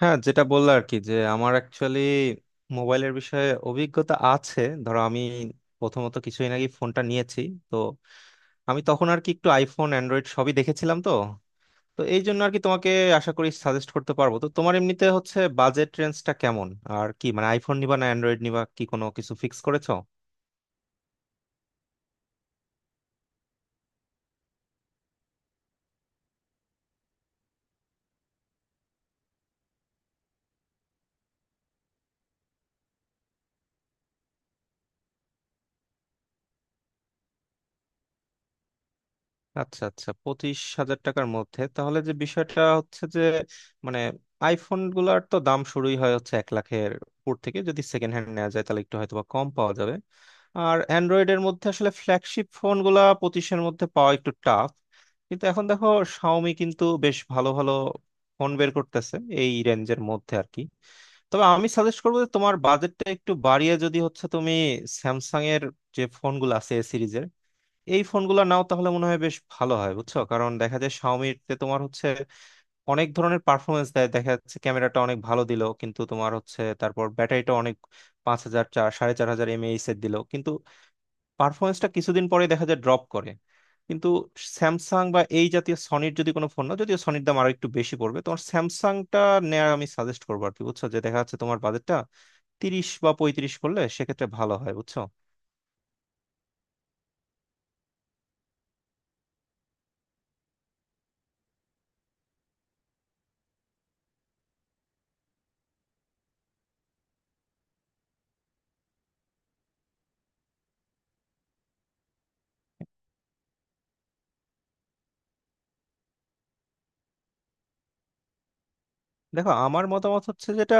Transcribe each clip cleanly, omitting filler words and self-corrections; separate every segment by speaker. Speaker 1: হ্যাঁ, যেটা বললো আর কি, যে আমার অ্যাকচুয়ালি মোবাইলের বিষয়ে অভিজ্ঞতা আছে। ধরো আমি প্রথমত কিছুদিন আগে ফোনটা নিয়েছি। তো আমি তখন আর কি একটু আইফোন অ্যান্ড্রয়েড সবই দেখেছিলাম। তো তো এই জন্য আর কি তোমাকে আশা করি সাজেস্ট করতে পারবো। তো তোমার এমনিতে হচ্ছে বাজেট রেঞ্জটা কেমন আর কি, মানে আইফোন নিবা না অ্যান্ড্রয়েড নিবা, কি কোনো কিছু ফিক্স করেছো? আচ্ছা, আচ্ছা, 25,000 টাকার মধ্যে। তাহলে যে বিষয়টা হচ্ছে যে, মানে আইফোন গুলার তো দাম শুরুই হয় হচ্ছে 1 লাখের উপর থেকে। যদি সেকেন্ড হ্যান্ড নেওয়া যায় তাহলে একটু হয়তো বা কম পাওয়া যাবে। আর অ্যান্ড্রয়েডের মধ্যে আসলে ফ্ল্যাগশিপ ফোন গুলা পঁচিশের মধ্যে পাওয়া একটু টাফ। কিন্তু এখন দেখো, শাওমি কিন্তু বেশ ভালো ভালো ফোন বের করতেছে এই রেঞ্জের মধ্যে আর কি। তবে আমি সাজেস্ট করবো যে তোমার বাজেটটা একটু বাড়িয়ে যদি হচ্ছে তুমি স্যামসাং এর যে ফোনগুলো আছে এ সিরিজের, এই ফোনগুলো নাও তাহলে মনে হয় বেশ ভালো হয় বুঝছো। কারণ দেখা যায় শাওমিতে তোমার হচ্ছে অনেক ধরনের পারফরমেন্স দেয়, দেখা যাচ্ছে ক্যামেরাটা অনেক ভালো দিল কিন্তু তোমার হচ্ছে তারপর ব্যাটারিটা অনেক 5,000, 4, 4.5 হাজার এমএএইচ এর দিল, কিন্তু পারফরমেন্সটা কিছুদিন পরে দেখা যায় ড্রপ করে। কিন্তু স্যামসাং বা এই জাতীয় সনির যদি কোনো ফোন, না যদিও সনির দাম আরো একটু বেশি পড়বে, তোমার স্যামসাংটা নেওয়ার আমি সাজেস্ট করবো আর কি বুঝছো। যে দেখা যাচ্ছে তোমার বাজেটটা 30 বা 35 করলে সেক্ষেত্রে ভালো হয় বুঝছো। দেখো আমার মতামত হচ্ছে যেটা,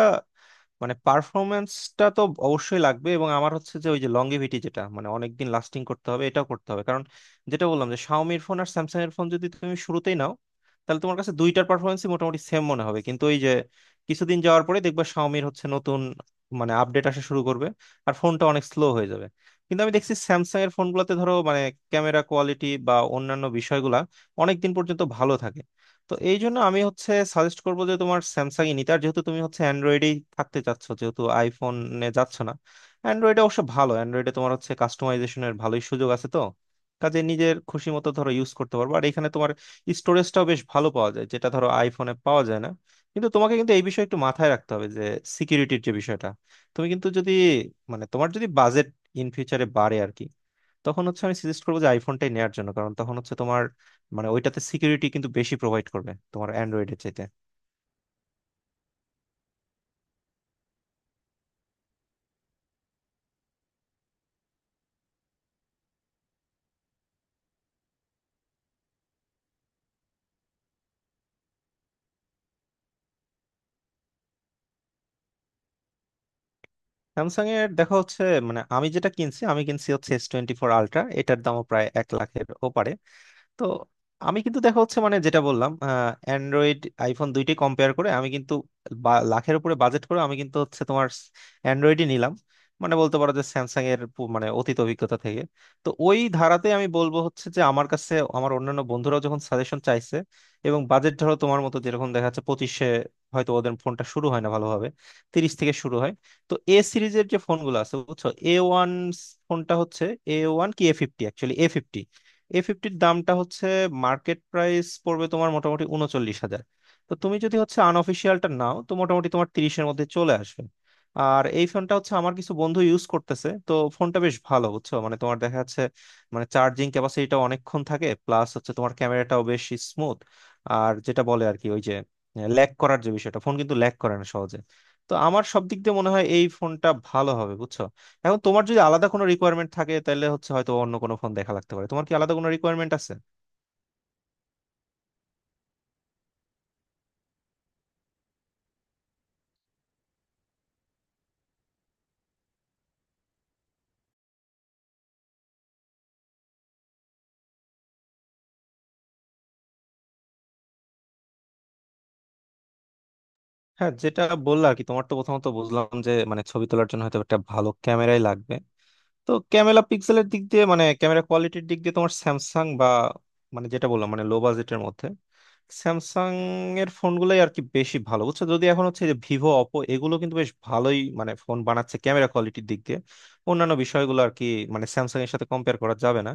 Speaker 1: মানে পারফরমেন্সটা তো অবশ্যই লাগবে, এবং আমার হচ্ছে যে ওই যে লংগেভিটি যেটা, মানে অনেকদিন লাস্টিং করতে হবে, এটাও করতে হবে। কারণ যেটা বললাম যে শাওমির ফোন আর স্যামসাং এর ফোন যদি তুমি শুরুতেই নাও, তাহলে তোমার কাছে দুইটার পারফরমেন্সই মোটামুটি সেম মনে হবে, কিন্তু ওই যে কিছুদিন যাওয়ার পরে দেখবে শাওমির হচ্ছে নতুন মানে আপডেট আসা শুরু করবে, আর ফোনটা অনেক স্লো হয়ে যাবে। কিন্তু আমি দেখছি স্যামসাং এর ফোনগুলোতে, ধরো মানে ক্যামেরা কোয়ালিটি বা অন্যান্য বিষয়গুলা অনেকদিন পর্যন্ত ভালো থাকে। তো এই জন্য আমি হচ্ছে সাজেস্ট করবো যে তোমার স্যামসাংই নিতে, আর যেহেতু তুমি হচ্ছে অ্যান্ড্রয়েডেই থাকতে চাচ্ছ, যেহেতু আইফোনে যাচ্ছ না, অ্যান্ড্রয়েডে অবশ্য ভালো, অ্যান্ড্রয়েডে তোমার হচ্ছে কাস্টমাইজেশনের ভালোই সুযোগ আছে। তো কাজে নিজের খুশি মতো ধরো ইউজ করতে পারবো, আর এখানে তোমার স্টোরেজটাও বেশ ভালো পাওয়া যায়, যেটা ধরো আইফোনে পাওয়া যায় না। কিন্তু তোমাকে কিন্তু এই বিষয়ে একটু মাথায় রাখতে হবে যে সিকিউরিটির যে বিষয়টা, তুমি কিন্তু যদি, মানে তোমার যদি বাজেট ইন ফিউচারে বাড়ে আর কি, তখন হচ্ছে আমি সাজেস্ট করবো যে আইফোনটাই নেওয়ার জন্য। কারণ তখন হচ্ছে তোমার, মানে ওইটাতে সিকিউরিটি কিন্তু বেশি প্রোভাইড করবে তোমার অ্যান্ড্রয়েডের চাইতে। স্যামসাং এর দেখা হচ্ছে, মানে আমি যেটা কিনছি আমি কিনছি হচ্ছে S24 Ultra, এটার দামও প্রায় 1 লাখের ওপারে। তো আমি কিন্তু দেখা হচ্ছে, মানে যেটা বললাম অ্যান্ড্রয়েড আইফোন দুইটি কম্পেয়ার করে আমি কিন্তু লাখের উপরে বাজেট করে আমি কিন্তু হচ্ছে তোমার অ্যান্ড্রয়েডই নিলাম। মানে বলতে পারো যে স্যামসাং এর মানে অতীত অভিজ্ঞতা থেকে। তো ওই ধারাতে আমি বলবো হচ্ছে যে আমার কাছে, আমার অন্যান্য বন্ধুরাও যখন সাজেশন চাইছে এবং বাজেট ধরো তোমার মতো যেরকম দেখা যাচ্ছে 25-এ, হয়তো ওদের ফোনটা শুরু হয় না ভালোভাবে, 30 থেকে শুরু হয়। তো এ সিরিজের যে ফোনগুলো আছে বুঝছো, A1 ফোনটা হচ্ছে, A1 কি A50, অ্যাকচুয়ালি A50। A50-র দামটা হচ্ছে মার্কেট প্রাইস পড়বে তোমার মোটামুটি 39,000। তো তুমি যদি হচ্ছে আনঅফিসিয়ালটা নাও, তো মোটামুটি তোমার 30-এর মধ্যে চলে আসবে। আর এই ফোনটা হচ্ছে আমার কিছু বন্ধু ইউজ করতেছে, তো ফোনটা বেশ ভালো বুঝছো। মানে তোমার দেখা যাচ্ছে মানে চার্জিং ক্যাপাসিটিটা অনেকক্ষণ থাকে, প্লাস হচ্ছে তোমার ক্যামেরাটাও বেশ স্মুথ। আর যেটা বলে আর কি ওই যে ল্যাগ করার যে বিষয়টা, ফোন কিন্তু ল্যাগ করে না সহজে। তো আমার সব দিক দিয়ে মনে হয় এই ফোনটা ভালো হবে বুঝছো। এখন তোমার যদি আলাদা কোনো রিকোয়ারমেন্ট থাকে তাহলে হচ্ছে হয়তো অন্য কোনো ফোন দেখা লাগতে পারে, তোমার কি আলাদা কোনো রিকোয়ারমেন্ট আছে? হ্যাঁ, যেটা বললা আর কি, তোমার তো প্রথমত বুঝলাম যে মানে ছবি তোলার জন্য হয়তো একটা ভালো ক্যামেরাই লাগবে। তো ক্যামেরা পিক্সেলের দিক দিয়ে, মানে ক্যামেরা কোয়ালিটির দিক দিয়ে তোমার স্যামসাং বা, মানে যেটা বললাম মানে লো বাজেটের মধ্যে স্যামসাং এর ফোনগুলোই আর কি বেশি ভালো বুঝছো। যদি এখন হচ্ছে, যে ভিভো অপো এগুলো কিন্তু বেশ ভালোই, মানে ফোন বানাচ্ছে ক্যামেরা কোয়ালিটির দিক দিয়ে, অন্যান্য বিষয়গুলো আর কি মানে স্যামসাং এর সাথে কম্পেয়ার করা যাবে না।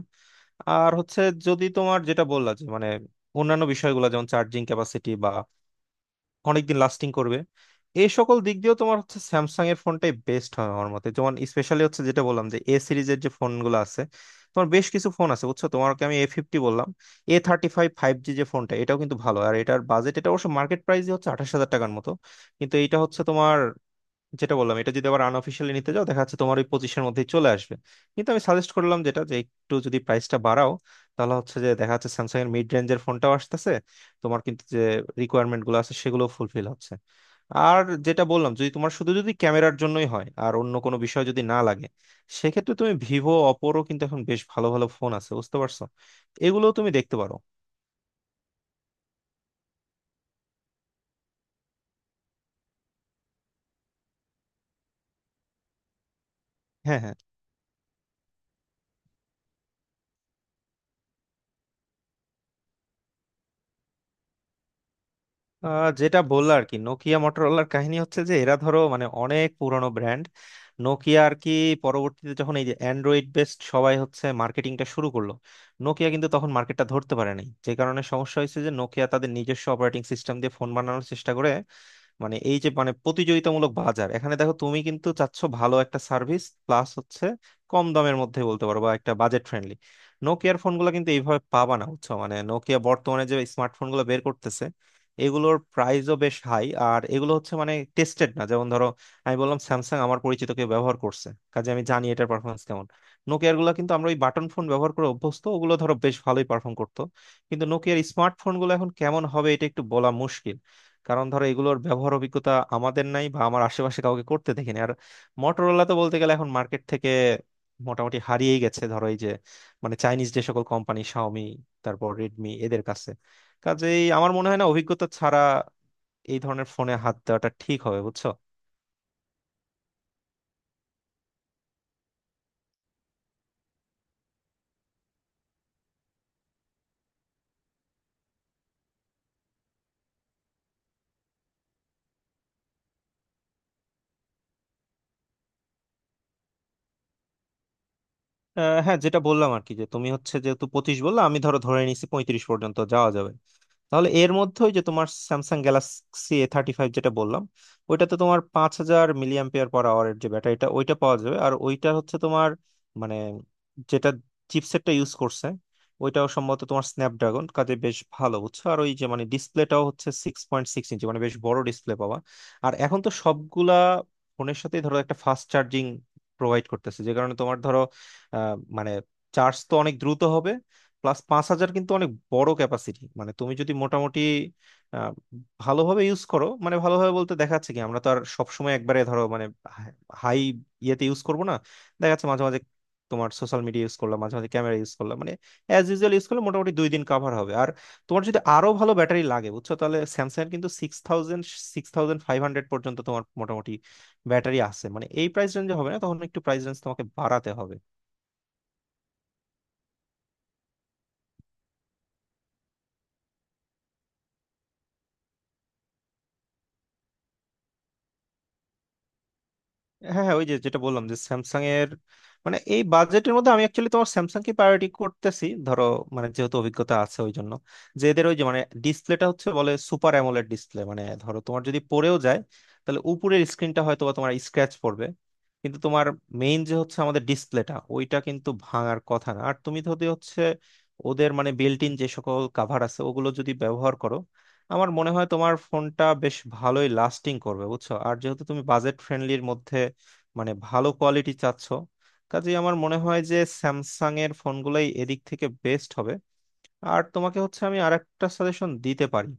Speaker 1: আর হচ্ছে, যদি তোমার যেটা বললা যে, মানে অন্যান্য বিষয়গুলো যেমন চার্জিং ক্যাপাসিটি বা অনেকদিন লাস্টিং করবে, এই সকল দিক দিয়েও তোমার হচ্ছে স্যামসাং এর ফোনটাই বেস্ট হয় আমার মতে। যেমন স্পেশালি হচ্ছে যেটা বললাম যে এ সিরিজের যে ফোনগুলো আছে, তোমার বেশ কিছু ফোন আছে বুঝছো। তোমাকে আমি A50 বললাম, A35 5G যে ফোনটা, এটাও কিন্তু ভালো, আর এটার বাজেট এটা অবশ্য মার্কেট প্রাইস হচ্ছে 28,000 টাকার মতো। কিন্তু এটা হচ্ছে তোমার, যেটা বললাম এটা যদি আবার আনঅফিসিয়ালি নিতে যাও দেখা যাচ্ছে তোমার ওই 25-এর মধ্যেই চলে আসবে। কিন্তু আমি সাজেস্ট করলাম যেটা, যে একটু যদি প্রাইসটা বাড়াও, তাহলে হচ্ছে যে দেখা যাচ্ছে স্যামসাং এর মিড রেঞ্জের ফোনটাও আসতেছে, তোমার কিন্তু যে রিকোয়ারমেন্ট গুলো আছে সেগুলো ফুলফিল হচ্ছে। আর যেটা বললাম যদি তোমার শুধু যদি ক্যামেরার জন্যই হয় আর অন্য কোনো বিষয় যদি না লাগে, সেক্ষেত্রে তুমি ভিভো অপোরও কিন্তু এখন বেশ ভালো ভালো ফোন আছে বুঝতে পারছো, এগুলো তুমি দেখতে পারো। হ্যাঁ, হ্যাঁ। যেটা বললো আর কি, নোকিয়া মোটরোলার কাহিনী হচ্ছে যে এরা ধরো মানে অনেক পুরনো ব্র্যান্ড। নোকিয়া আর কি পরবর্তীতে যখন এই যে অ্যান্ড্রয়েড বেসড সবাই হচ্ছে মার্কেটিংটা শুরু করলো, নোকিয়া কিন্তু তখন মার্কেটটা ধরতে পারে নাই। যে কারণে সমস্যা হয়েছে যে নোকিয়া তাদের নিজস্ব অপারেটিং সিস্টেম দিয়ে ফোন বানানোর চেষ্টা করে। মানে এই যে মানে প্রতিযোগিতামূলক বাজার, এখানে দেখো তুমি কিন্তু চাচ্ছ ভালো একটা সার্ভিস, প্লাস হচ্ছে কম দামের মধ্যে বলতে পারো বা একটা বাজেট ফ্রেন্ডলি। নোকিয়ার ফোনগুলো কিন্তু এইভাবে পাবা না বুঝছো। মানে নোকিয়া বর্তমানে যে স্মার্টফোনগুলো বের করতেছে এগুলোর প্রাইসও বেশ হাই, আর এগুলো হচ্ছে মানে টেস্টেড না। যেমন ধরো আমি বললাম স্যামসাং আমার পরিচিত কেউ ব্যবহার করছে, কাজে আমি জানি এটার পারফরমেন্স কেমন। নোকিয়ার গুলো কিন্তু, আমরা ওই বাটন ফোন ব্যবহার করে অভ্যস্ত, ওগুলো ধরো বেশ ভালোই পারফর্ম করতো, কিন্তু নোকিয়ার স্মার্টফোন গুলো এখন কেমন হবে এটা একটু বলা মুশকিল। কারণ ধরো এগুলোর ব্যবহার অভিজ্ঞতা আমাদের নাই বা আমার আশেপাশে কাউকে করতে দেখিনি। আর মটোরোলা তো বলতে গেলে এখন মার্কেট থেকে মোটামুটি হারিয়েই গেছে, ধরো এই যে মানে চাইনিজ যে সকল কোম্পানি শাওমি, তারপর রেডমি এদের কাছে। কাজেই আমার মনে হয় না অভিজ্ঞতা ছাড়া এই ধরনের ফোনে হাত দেওয়াটা ঠিক হবে বুঝছো। হ্যাঁ, যেটা বললাম আর কি, যে তুমি হচ্ছে যেহেতু 25 বললা, আমি ধরো ধরে নিছি 35 পর্যন্ত যাওয়া যাবে। তাহলে এর মধ্যে ওই যে তোমার স্যামসাং গ্যালাক্সি A35 যেটা বললাম, ওইটাতে তোমার 5000 mAh-র যে ব্যাটারিটা ওইটা পাওয়া যাবে। আর ওইটা হচ্ছে তোমার মানে যেটা চিপসেটটা ইউজ করছে ওইটাও সম্ভবত তোমার স্ন্যাপড্রাগন, কাজে বেশ ভালো বুঝছো। আর ওই যে মানে ডিসপ্লেটাও হচ্ছে 6.6 ইঞ্চি, মানে বেশ বড় ডিসপ্লে পাওয়া। আর এখন তো সবগুলা ফোনের সাথেই ধরো একটা ফাস্ট চার্জিং প্রোভাইড করতেছে, যে কারণে তোমার ধরো মানে চার্জ তো অনেক দ্রুত হবে। প্লাস 5,000 কিন্তু অনেক বড় ক্যাপাসিটি। মানে তুমি যদি মোটামুটি আহ, ভালোভাবে ইউজ করো, মানে ভালোভাবে বলতে দেখা যাচ্ছে কি আমরা তো আর সবসময় একবারে ধরো মানে হাই ইয়েতে ইউজ করবো না। দেখা যাচ্ছে মাঝে মাঝে তোমার সোশ্যাল মিডিয়া ইউজ করলাম, মাঝে মাঝে ক্যামেরা ইউজ করলাম, মানে অ্যাজ ইউজুয়াল ইউজ করলে মোটামুটি 2 দিন কাভার হবে। আর তোমার যদি আরো ভালো ব্যাটারি লাগে বুঝছো, তাহলে স্যামসাং এর কিন্তু 6,000, 6,500 পর্যন্ত তোমার মোটামুটি ব্যাটারি আছে, মানে এই প্রাইস রেঞ্জে হবে না, তখন একটু প্রাইস রেঞ্জ তোমাকে বাড়াতে হবে। হ্যাঁ, হ্যাঁ, ওই যে যেটা বললাম যে স্যামসাং এর, মানে এই বাজেটের মধ্যে আমি অ্যাকচুয়ালি তোমার স্যামসাং কে প্রায়োরিটি করতেছি ধরো, মানে যেহেতু অভিজ্ঞতা আছে ওই জন্য। যে এদের ওই যে মানে ডিসপ্লেটা হচ্ছে বলে সুপার অ্যামোলেড ডিসপ্লে, মানে ধরো তোমার যদি পড়েও যায় তাহলে উপরের স্ক্রিনটা হয়তো বা তোমার স্ক্র্যাচ পড়বে, কিন্তু তোমার মেইন যে হচ্ছে আমাদের ডিসপ্লেটা ওইটা কিন্তু ভাঙার কথা না। আর তুমি যদি হচ্ছে ওদের মানে বিল্ট ইন যে সকল কাভার আছে ওগুলো যদি ব্যবহার করো, আমার মনে হয় তোমার ফোনটা বেশ ভালোই লাস্টিং করবে বুঝছো। আর যেহেতু তুমি বাজেট ফ্রেন্ডলির মধ্যে মানে ভালো কোয়ালিটি চাচ্ছ, কাজেই আমার মনে হয় যে স্যামসাং এর ফোনগুলাই এদিক থেকে বেস্ট হবে। আর তোমাকে হচ্ছে আমি আর একটা সাজেশন দিতে পারি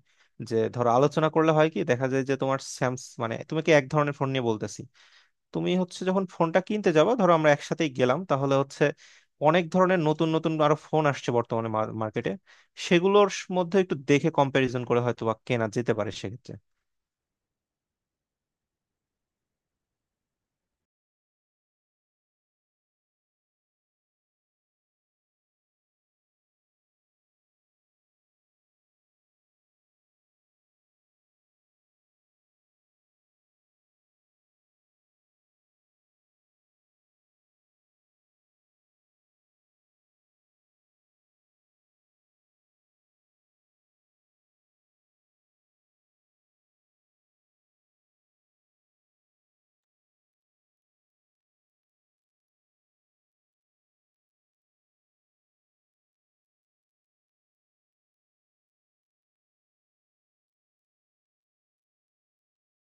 Speaker 1: যে ধরো আলোচনা করলে হয় কি দেখা যায় যে তোমার মানে তুমি কি এক ধরনের ফোন নিয়ে বলতেছি, তুমি হচ্ছে যখন ফোনটা কিনতে যাবো ধরো আমরা একসাথেই গেলাম, তাহলে হচ্ছে অনেক ধরনের নতুন নতুন আরো ফোন আসছে বর্তমানে মার্কেটে, সেগুলোর মধ্যে একটু দেখে কম্প্যারিজন করে হয়তো বা কেনা যেতে পারে সেক্ষেত্রে।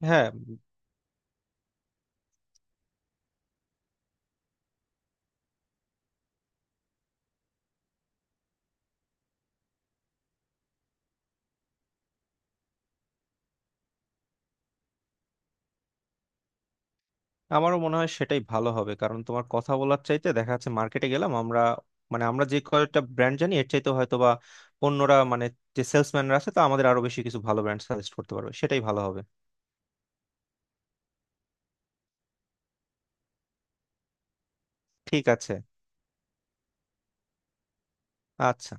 Speaker 1: হ্যাঁ, আমারও মনে হয় সেটাই ভালো হবে। কারণ তোমার কথা বলার চাইতে দেখা যাচ্ছে মার্কেটে গেলাম আমরা, মানে আমরা যে কয়েকটা ব্র্যান্ড জানি এর চাইতে হয়তো বা অন্যরা, মানে যে সেলসম্যানরা আছে তা আমাদের আরো বেশি কিছু ভালো ব্র্যান্ড সাজেস্ট করতে পারবে, সেটাই ভালো হবে। ঠিক আছে। আচ্ছা।